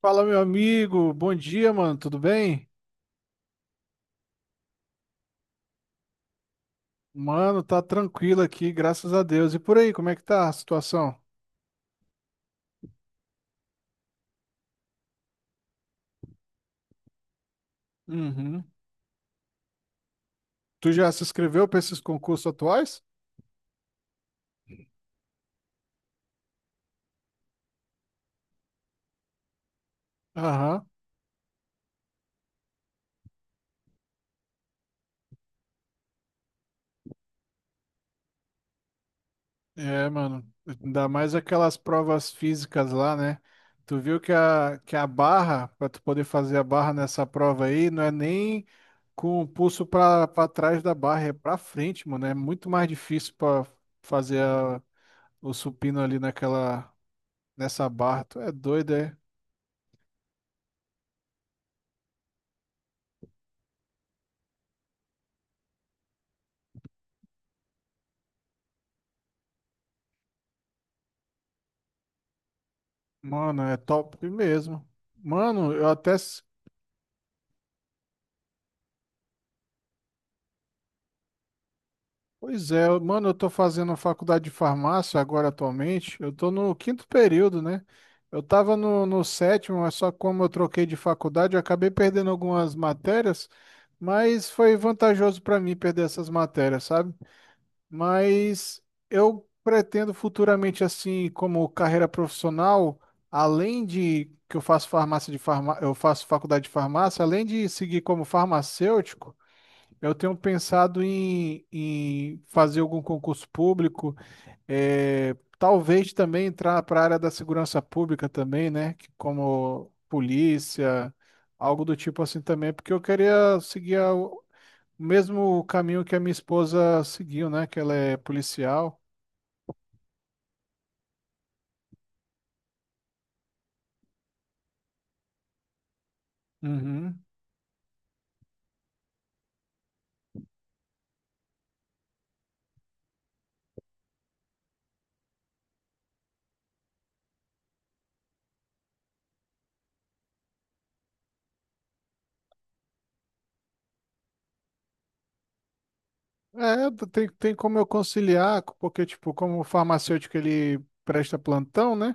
Fala, meu amigo. Bom dia, mano. Tudo bem? Mano, tá tranquilo aqui, graças a Deus. E por aí, como é que tá a situação? Uhum. Tu já se inscreveu pra esses concursos atuais? Aham. É, mano. Ainda mais aquelas provas físicas lá, né? Tu viu que a barra, pra tu poder fazer a barra nessa prova aí, não é nem com o pulso pra trás da barra, é pra frente, mano. É muito mais difícil pra fazer o supino ali naquela, nessa barra. Tu é doido, é? Mano, é top mesmo. Mano, eu até. Pois é, mano, eu tô fazendo faculdade de farmácia agora atualmente. Eu tô no quinto período, né? Eu tava no sétimo, mas só como eu troquei de faculdade, eu acabei perdendo algumas matérias, mas foi vantajoso pra mim perder essas matérias, sabe? Mas eu pretendo futuramente, assim, como carreira profissional, além de que eu faço faculdade de farmácia, além de seguir como farmacêutico. Eu tenho pensado em fazer algum concurso público, talvez também entrar para a área da segurança pública também, né? que Como polícia, algo do tipo assim também, porque eu queria seguir o mesmo caminho que a minha esposa seguiu, né? Que ela é policial. Uhum. É, tem como eu conciliar, porque, tipo, como o farmacêutico ele presta plantão, né?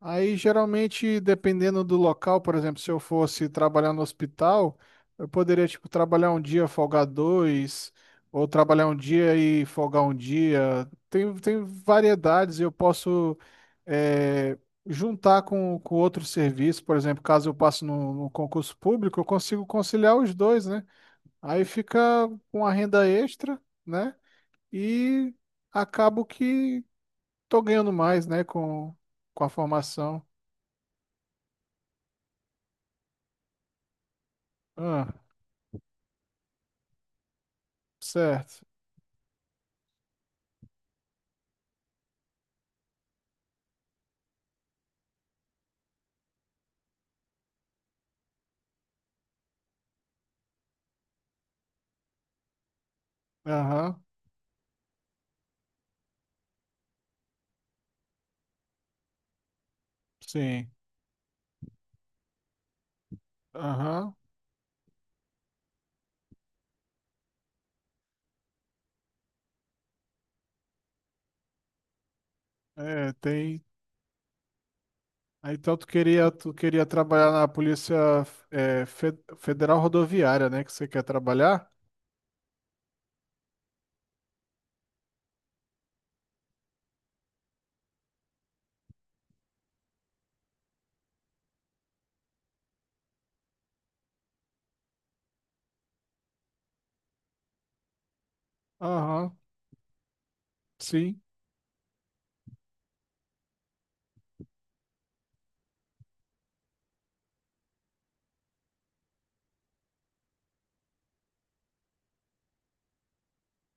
Aí, geralmente, dependendo do local, por exemplo, se eu fosse trabalhar no hospital, eu poderia, tipo, trabalhar um dia, folgar dois, ou trabalhar um dia e folgar um dia. Tem variedades, e eu posso eh, juntar com outro serviço, por exemplo, caso eu passe no concurso público, eu consigo conciliar os dois, né? Aí fica com a renda extra, né? E acabo que tô ganhando mais, né, com a formação. Ah. Certo. Aham. Sim. Aham. É, tem. Aí, então tu queria trabalhar na Polícia Federal Rodoviária, né? Que você quer trabalhar? Aham. Sim.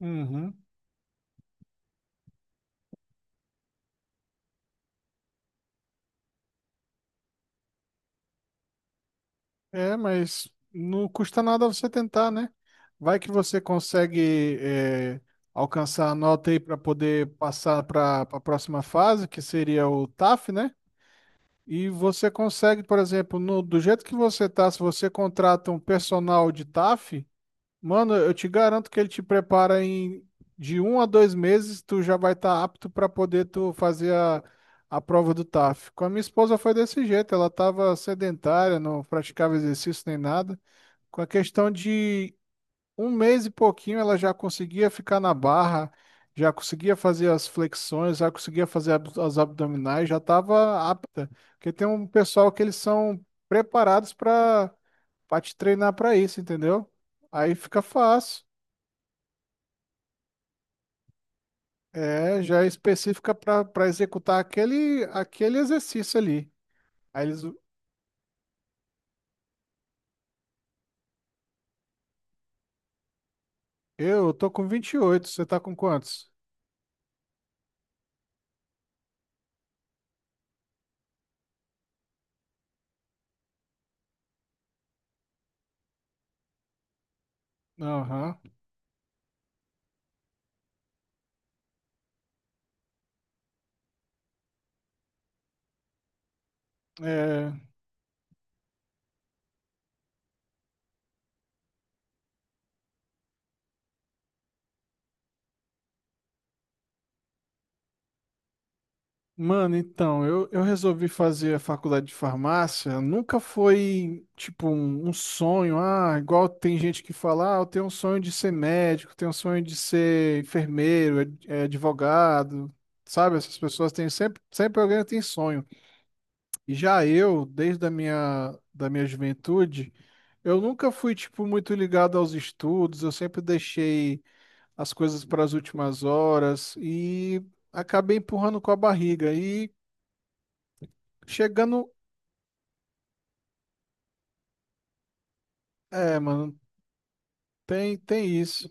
Uhum. É, mas não custa nada você tentar, né? Vai que você consegue alcançar a nota aí para poder passar para a próxima fase, que seria o TAF, né? E você consegue, por exemplo, do jeito que você tá, se você contrata um personal de TAF, mano, eu te garanto que ele te prepara de 1 a 2 meses, tu já vai estar apto para poder tu fazer a prova do TAF. Com a minha esposa foi desse jeito, ela estava sedentária, não praticava exercício nem nada. Com a questão de um mês e pouquinho, ela já conseguia ficar na barra, já conseguia fazer as flexões, já conseguia fazer as abdominais, já estava apta. Porque tem um pessoal que eles são preparados para te treinar para isso, entendeu? Aí fica fácil. É, já é específica para executar aquele exercício ali. Aí eles, eu tô com 28. Você tá com quantos? Aham. É. Mano, então, eu resolvi fazer a faculdade de farmácia. Nunca foi, tipo, um sonho. Ah, igual tem gente que fala, ah, eu tenho um sonho de ser médico, tenho um sonho de ser enfermeiro, advogado. Sabe, essas pessoas têm sempre, sempre alguém tem sonho. E já eu, desde a minha, da minha juventude, eu nunca fui, tipo, muito ligado aos estudos. Eu sempre deixei as coisas para as últimas horas e acabei empurrando com a barriga. E chegando. É, mano, tem isso.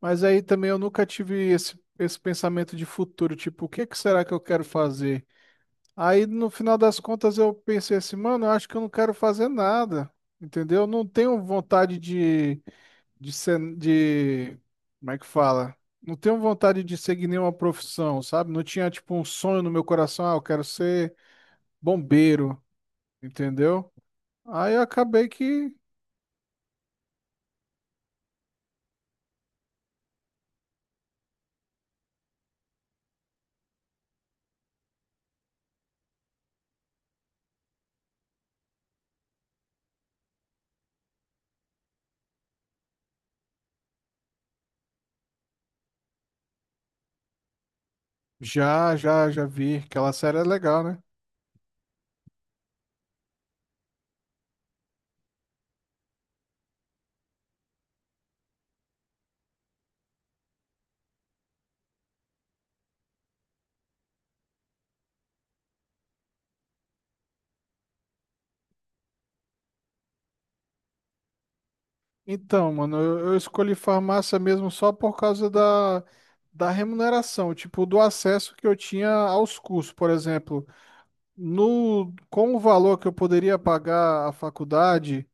Mas aí também eu nunca tive esse pensamento de futuro, tipo, o que que será que eu quero fazer? Aí no final das contas eu pensei assim, mano, eu acho que eu não quero fazer nada, entendeu? Eu não tenho vontade de ser, como é que fala? Não tenho vontade de seguir nenhuma profissão, sabe? Não tinha, tipo, um sonho no meu coração, ah, eu quero ser bombeiro, entendeu? Aí eu acabei que já, já, já vi, aquela série é legal, né? Então, mano, eu escolhi farmácia mesmo só por causa da remuneração, tipo, do acesso que eu tinha aos cursos, por exemplo. No, Com o valor que eu poderia pagar à faculdade,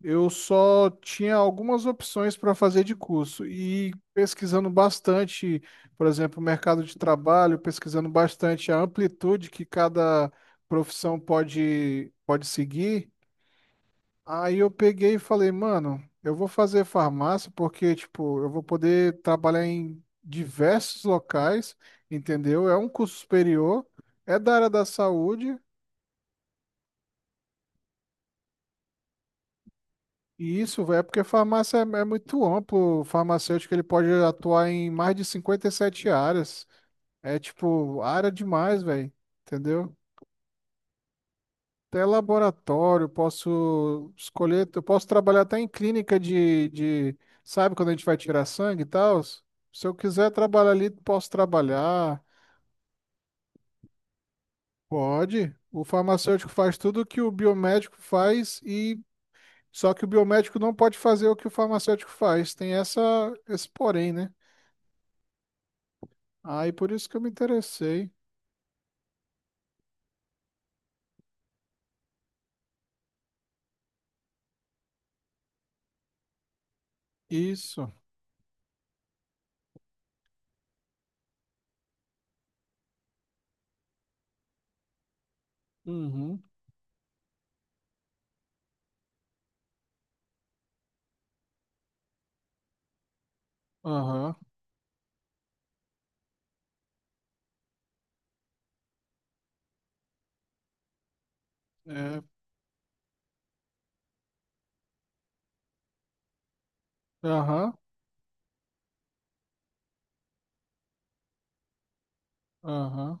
eu só tinha algumas opções para fazer de curso. E pesquisando bastante, por exemplo, o mercado de trabalho, pesquisando bastante a amplitude que cada profissão pode seguir. Aí eu peguei e falei, mano, eu vou fazer farmácia porque, tipo, eu vou poder trabalhar em diversos locais, entendeu? É um curso superior, é da área da saúde, e isso, velho, é porque farmácia é muito amplo. O farmacêutico, ele pode atuar em mais de 57 áreas. É, tipo, área demais, velho, entendeu? Até laboratório, posso escolher, eu posso trabalhar até em clínica sabe, quando a gente vai tirar sangue e tal? Se eu quiser trabalhar ali, posso trabalhar. Pode. O farmacêutico faz tudo o que o biomédico faz e só que o biomédico não pode fazer o que o farmacêutico faz. Tem essa esse porém, né? Aí por isso que eu me interessei. Isso. Uhum. Aham. É. Aham. Aham.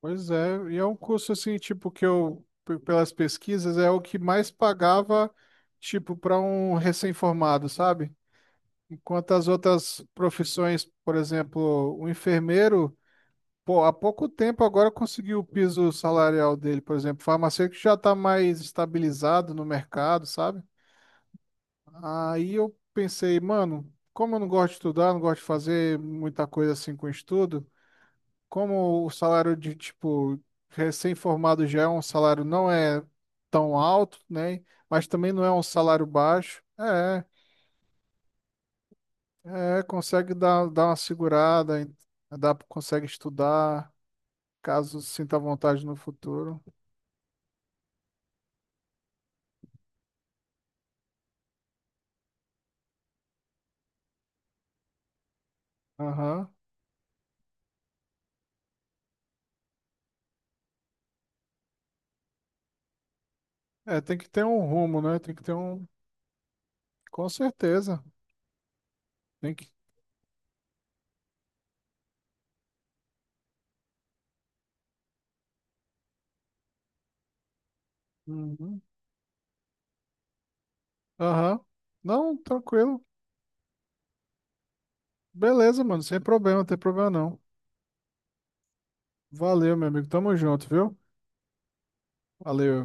Pois é, e é um curso assim, tipo, que eu, pelas pesquisas, é o que mais pagava, tipo, para um recém-formado, sabe? Enquanto as outras profissões, por exemplo, o enfermeiro, pô, há pouco tempo agora conseguiu o piso salarial dele, por exemplo, o farmacêutico já está mais estabilizado no mercado, sabe? Aí eu pensei, mano, como eu não gosto de estudar, não gosto de fazer muita coisa assim com estudo, como o salário de, tipo, recém-formado já é um salário não é tão alto, né? Mas também não é um salário baixo. Consegue dar uma segurada, dá, consegue estudar, caso sinta vontade no futuro. Aham. É, tem que ter um rumo, né? Tem que ter um. Com certeza. Tem que. Uhum. Aham. Não, tranquilo. Beleza, mano. Sem problema, não tem problema não. Valeu, meu amigo. Tamo junto, viu? Valeu.